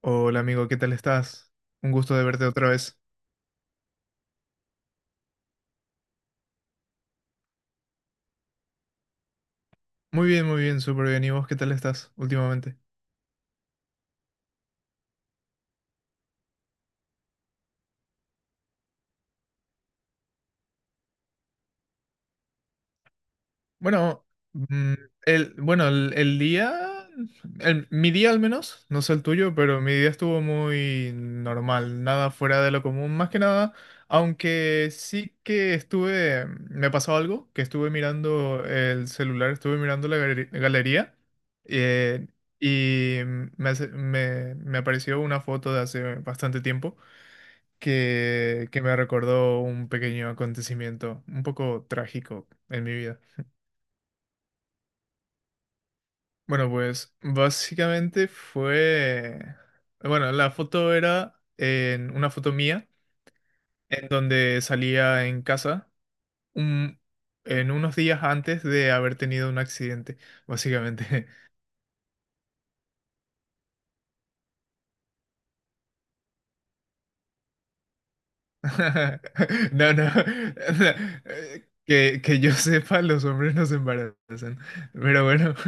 Hola amigo, ¿qué tal estás? Un gusto de verte otra vez. Muy bien, súper bien. ¿Y vos qué tal estás últimamente? Bueno, mm, bueno, el día, mi día al menos, no sé el tuyo, pero mi día estuvo muy normal, nada fuera de lo común, más que nada, aunque sí que estuve, me pasó algo, que estuve mirando el celular, estuve mirando la galería. eh, Y me, hace- me me apareció una foto de hace bastante tiempo que me recordó un pequeño acontecimiento un poco trágico en mi vida. Bueno, pues básicamente fue... Bueno, la foto era en una foto mía, en donde salía en casa un- en unos días antes de haber tenido un accidente, básicamente. No, no. Que yo sepa, los hombres no se embarazan. Pero bueno.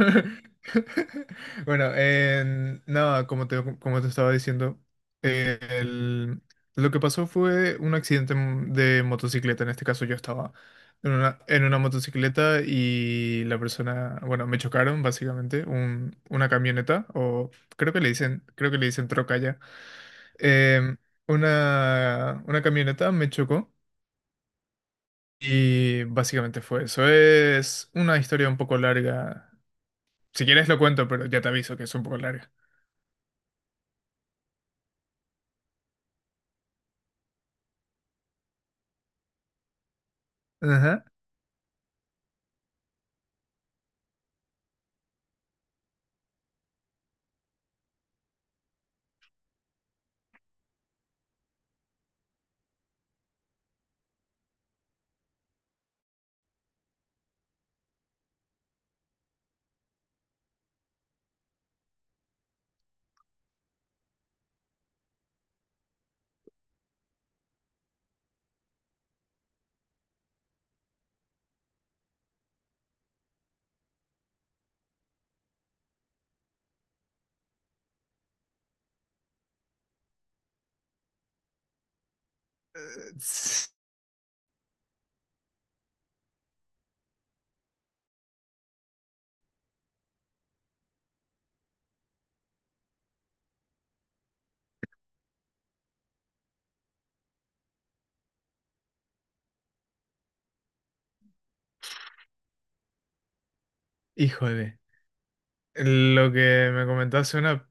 Bueno, no, como te estaba diciendo, el- lo que pasó fue un accidente de motocicleta. En este caso, yo estaba en una motocicleta y la persona, bueno, me chocaron básicamente una camioneta, o creo que le dicen troca, em, una camioneta me chocó y básicamente fue eso. Es una historia un poco larga. Si quieres lo cuento, pero ya te aviso que es un poco larga. Ajá. Eh, ts- Híjole. Lo que me comentaste una...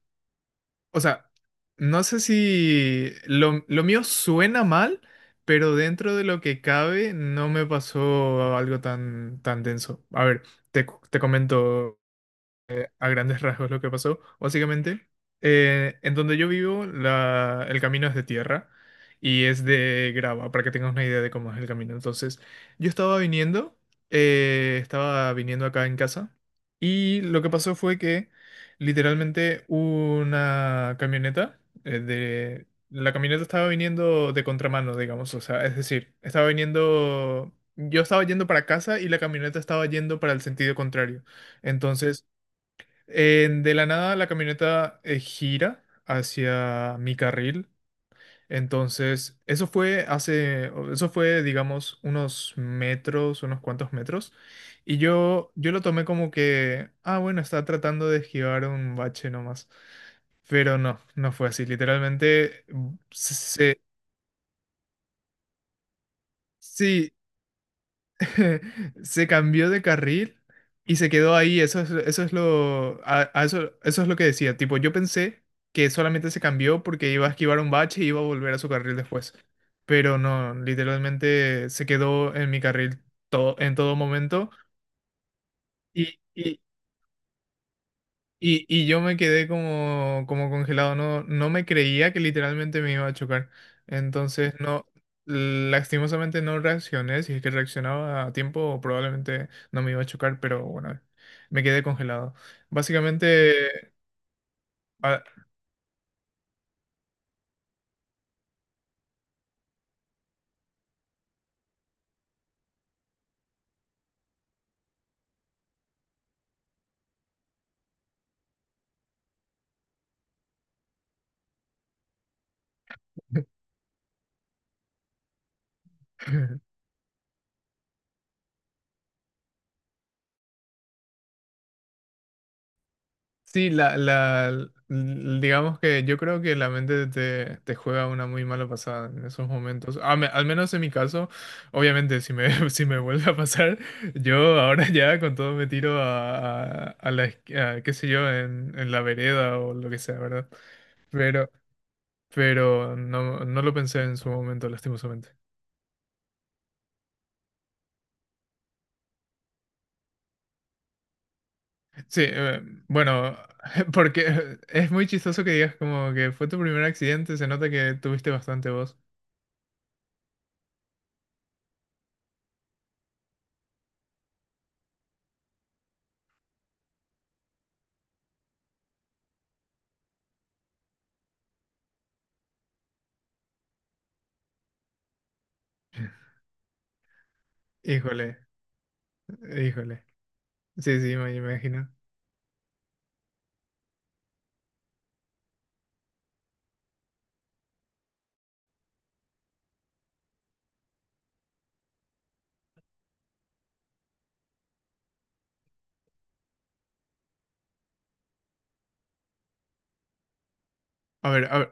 O sea, no sé si lo mío suena mal, pero dentro de lo que cabe no me pasó algo tan, tan denso. A ver, te comento. A grandes rasgos lo que pasó. Básicamente, en donde yo vivo, el camino es de tierra y es de grava, para que tengas una idea de cómo es el camino. Entonces, yo estaba viniendo acá en casa y lo que pasó fue que literalmente una camioneta de... La camioneta estaba viniendo de contramano, digamos, o sea, es decir, estaba viniendo... Yo estaba yendo para casa y la camioneta estaba yendo para el sentido contrario. Entonces, de la nada la camioneta gira hacia mi carril. Entonces, eso fue, digamos, unos metros, unos cuantos metros. Yo lo tomé como que, ah, bueno, está tratando de esquivar un bache nomás. Pero no, no fue así. Literalmente, sí, se cambió de carril y se quedó ahí. Eso es a eso, eso es lo que decía. Tipo, yo pensé que solamente se cambió porque iba a esquivar un bache y iba a volver a su carril después. Pero no, literalmente se quedó en mi carril todo, en todo momento. y y, y yo me quedé como, como congelado, no, no me creía que literalmente me iba a chocar. Entonces, no, lastimosamente no reaccioné. Si es que reaccionaba a tiempo, probablemente no me iba a chocar, pero bueno, me quedé congelado. Básicamente, a- Sí, digamos que yo creo que la mente te juega una muy mala pasada en esos momentos. Al menos en mi caso, obviamente, si me vuelve a pasar, yo ahora ya con todo me tiro a la, a, qué sé yo, en la vereda o lo que sea, ¿verdad? Pero, pero no, no lo pensé en su momento, lastimosamente. Sí, bueno, porque es muy chistoso que digas como que fue tu primer accidente, se nota que tuviste bastante voz. Híjole. Híjole. Sí, sí, me imagino. A ver, a ver,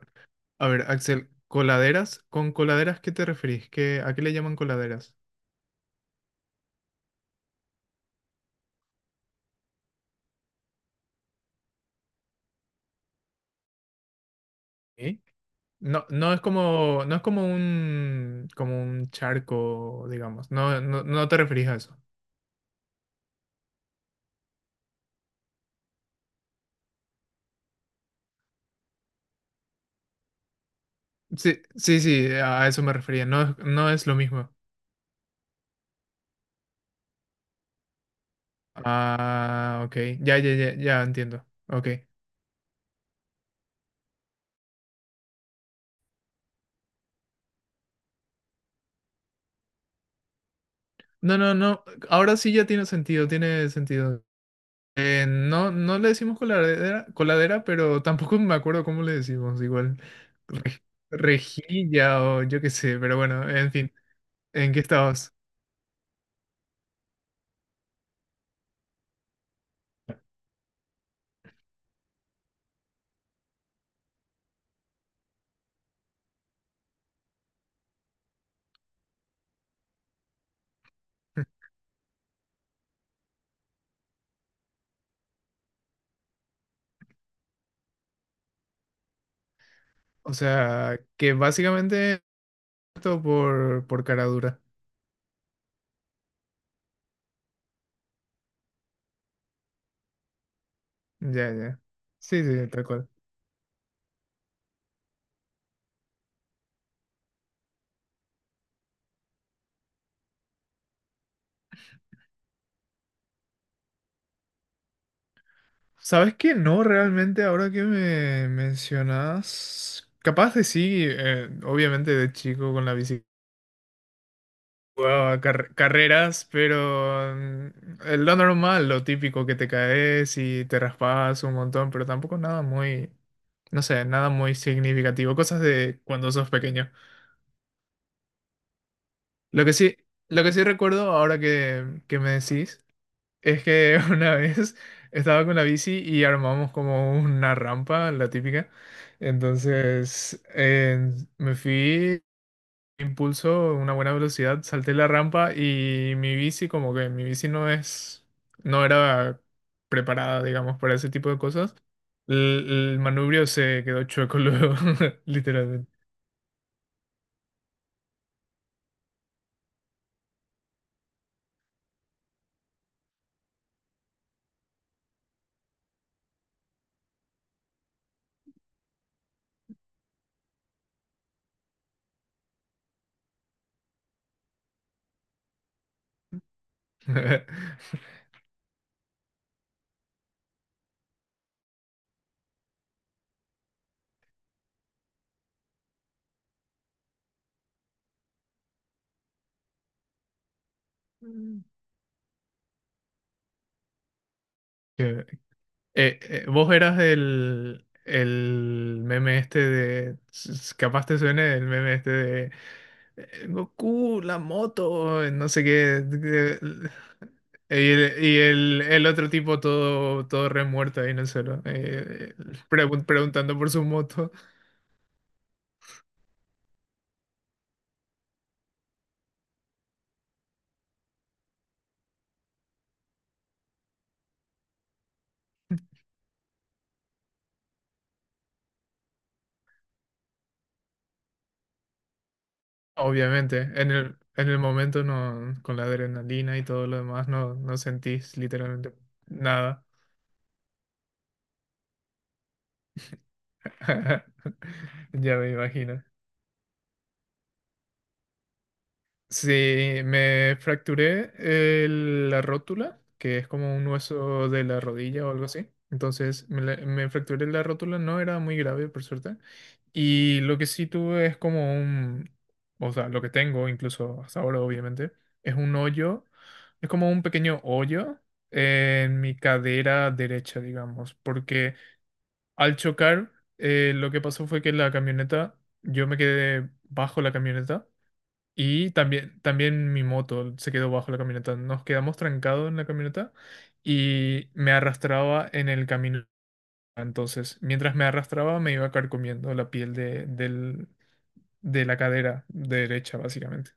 a ver, Axel, ¿coladeras? ¿Con coladeras qué te referís? ¿Qué, a qué le llaman coladeras? ¿Eh? No, no es como, no es como un charco, digamos. No, no, no te referís a eso. Sí, sí, sí, a eso me refería. No, no es lo mismo. Ah, ok. Ya, ya, ya, ya entiendo. Ok. No, no, no. Ahora sí ya tiene sentido, tiene sentido. No, no le decimos coladera, coladera, pero tampoco me acuerdo cómo le decimos, igual. re- Rejilla o yo qué sé, pero bueno, en fin, ¿en qué estabas? O sea, que básicamente esto por cara dura. Ya, ya. Sí, sí, tal cual. ¿Sabes qué? No, realmente, ahora que me mencionas, capaz de sí, obviamente de chico con la bicicleta. Jugaba carreras, pero es lo normal, lo típico que te caes y te raspas un montón, pero tampoco nada muy, no sé, nada muy significativo, cosas de cuando sos pequeño. Lo que sí, lo que sí recuerdo ahora que me decís es que una vez estaba con la bici y armamos como una rampa, la típica. Entonces me fui impulso, una buena velocidad, salté la rampa y mi bici, como que mi bici no es, no era preparada, digamos, para ese tipo de cosas. El manubrio se quedó chueco luego, literalmente. Mm. Que- eh, vos eras el meme este de, capaz te suene el meme este, Goku, la moto, no sé qué. eh, Y el, el otro tipo todo, todo remuerto ahí en el suelo, preguntando por su moto. Obviamente, en el momento no, con la adrenalina y todo lo demás, no, no sentís literalmente nada. Ya me imagino. Sí, me fracturé la rótula, que es como un hueso de la rodilla o algo así. Entonces me fracturé la rótula, no era muy grave por suerte. Y lo que sí tuve es como un, o sea, lo que tengo incluso hasta ahora obviamente, es un hoyo, es como un pequeño hoyo en mi cadera derecha, digamos, porque al chocar, lo que pasó fue que la camioneta, yo me quedé bajo la camioneta. Y también, también mi moto se quedó bajo la camioneta. Nos quedamos trancados en la camioneta y me arrastraba en el camino. Entonces, mientras me arrastraba, me iba carcomiendo la piel de la cadera derecha, básicamente.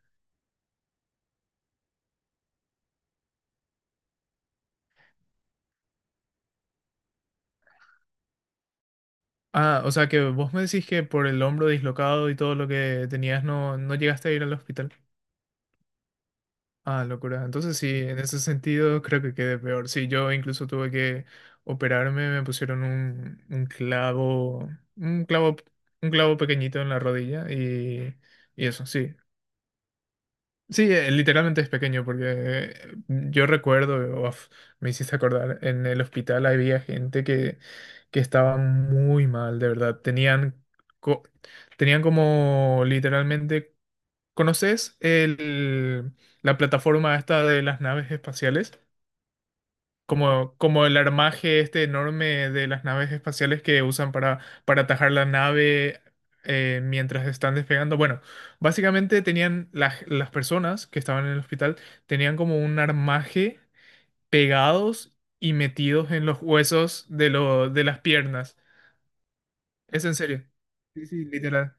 Ah, o sea que vos me decís que por el hombro dislocado y todo lo que tenías no, no llegaste a ir al hospital. Ah, locura. Entonces sí, en ese sentido creo que quedé peor. Sí, yo incluso tuve que operarme, me pusieron un clavo, un clavo, un clavo pequeñito en la rodilla y eso, sí. Sí, literalmente es pequeño porque yo recuerdo, uf, me hiciste acordar, en el hospital había gente que estaba muy mal, de verdad. Tenían, co- tenían como literalmente ¿Conoces la plataforma esta de las naves espaciales? Como, como el armaje este enorme de las naves espaciales que usan para atajar la nave mientras están despegando. Bueno, básicamente tenían las personas que estaban en el hospital, tenían como un armaje pegados y metidos en los huesos de las piernas. Es en serio. Sí, sí, literal.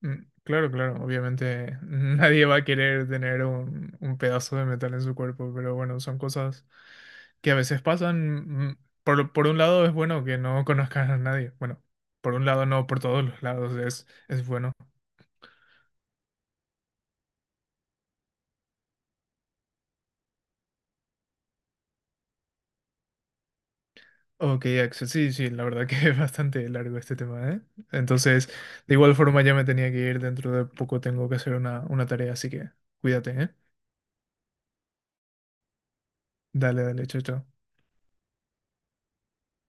Mm, claro, claro, obviamente nadie va a querer tener un pedazo de metal en su cuerpo, pero bueno, son cosas que a veces pasan. Por un lado es bueno que no conozcas a nadie. Bueno, por un lado no, por todos los lados es bueno. Ok, Axel, sí, sí, la verdad que es bastante largo este tema, ¿eh? Entonces, de igual forma ya me tenía que ir, dentro de poco tengo que hacer una tarea, así que cuídate, ¿eh? Dale, dale, chao, chao.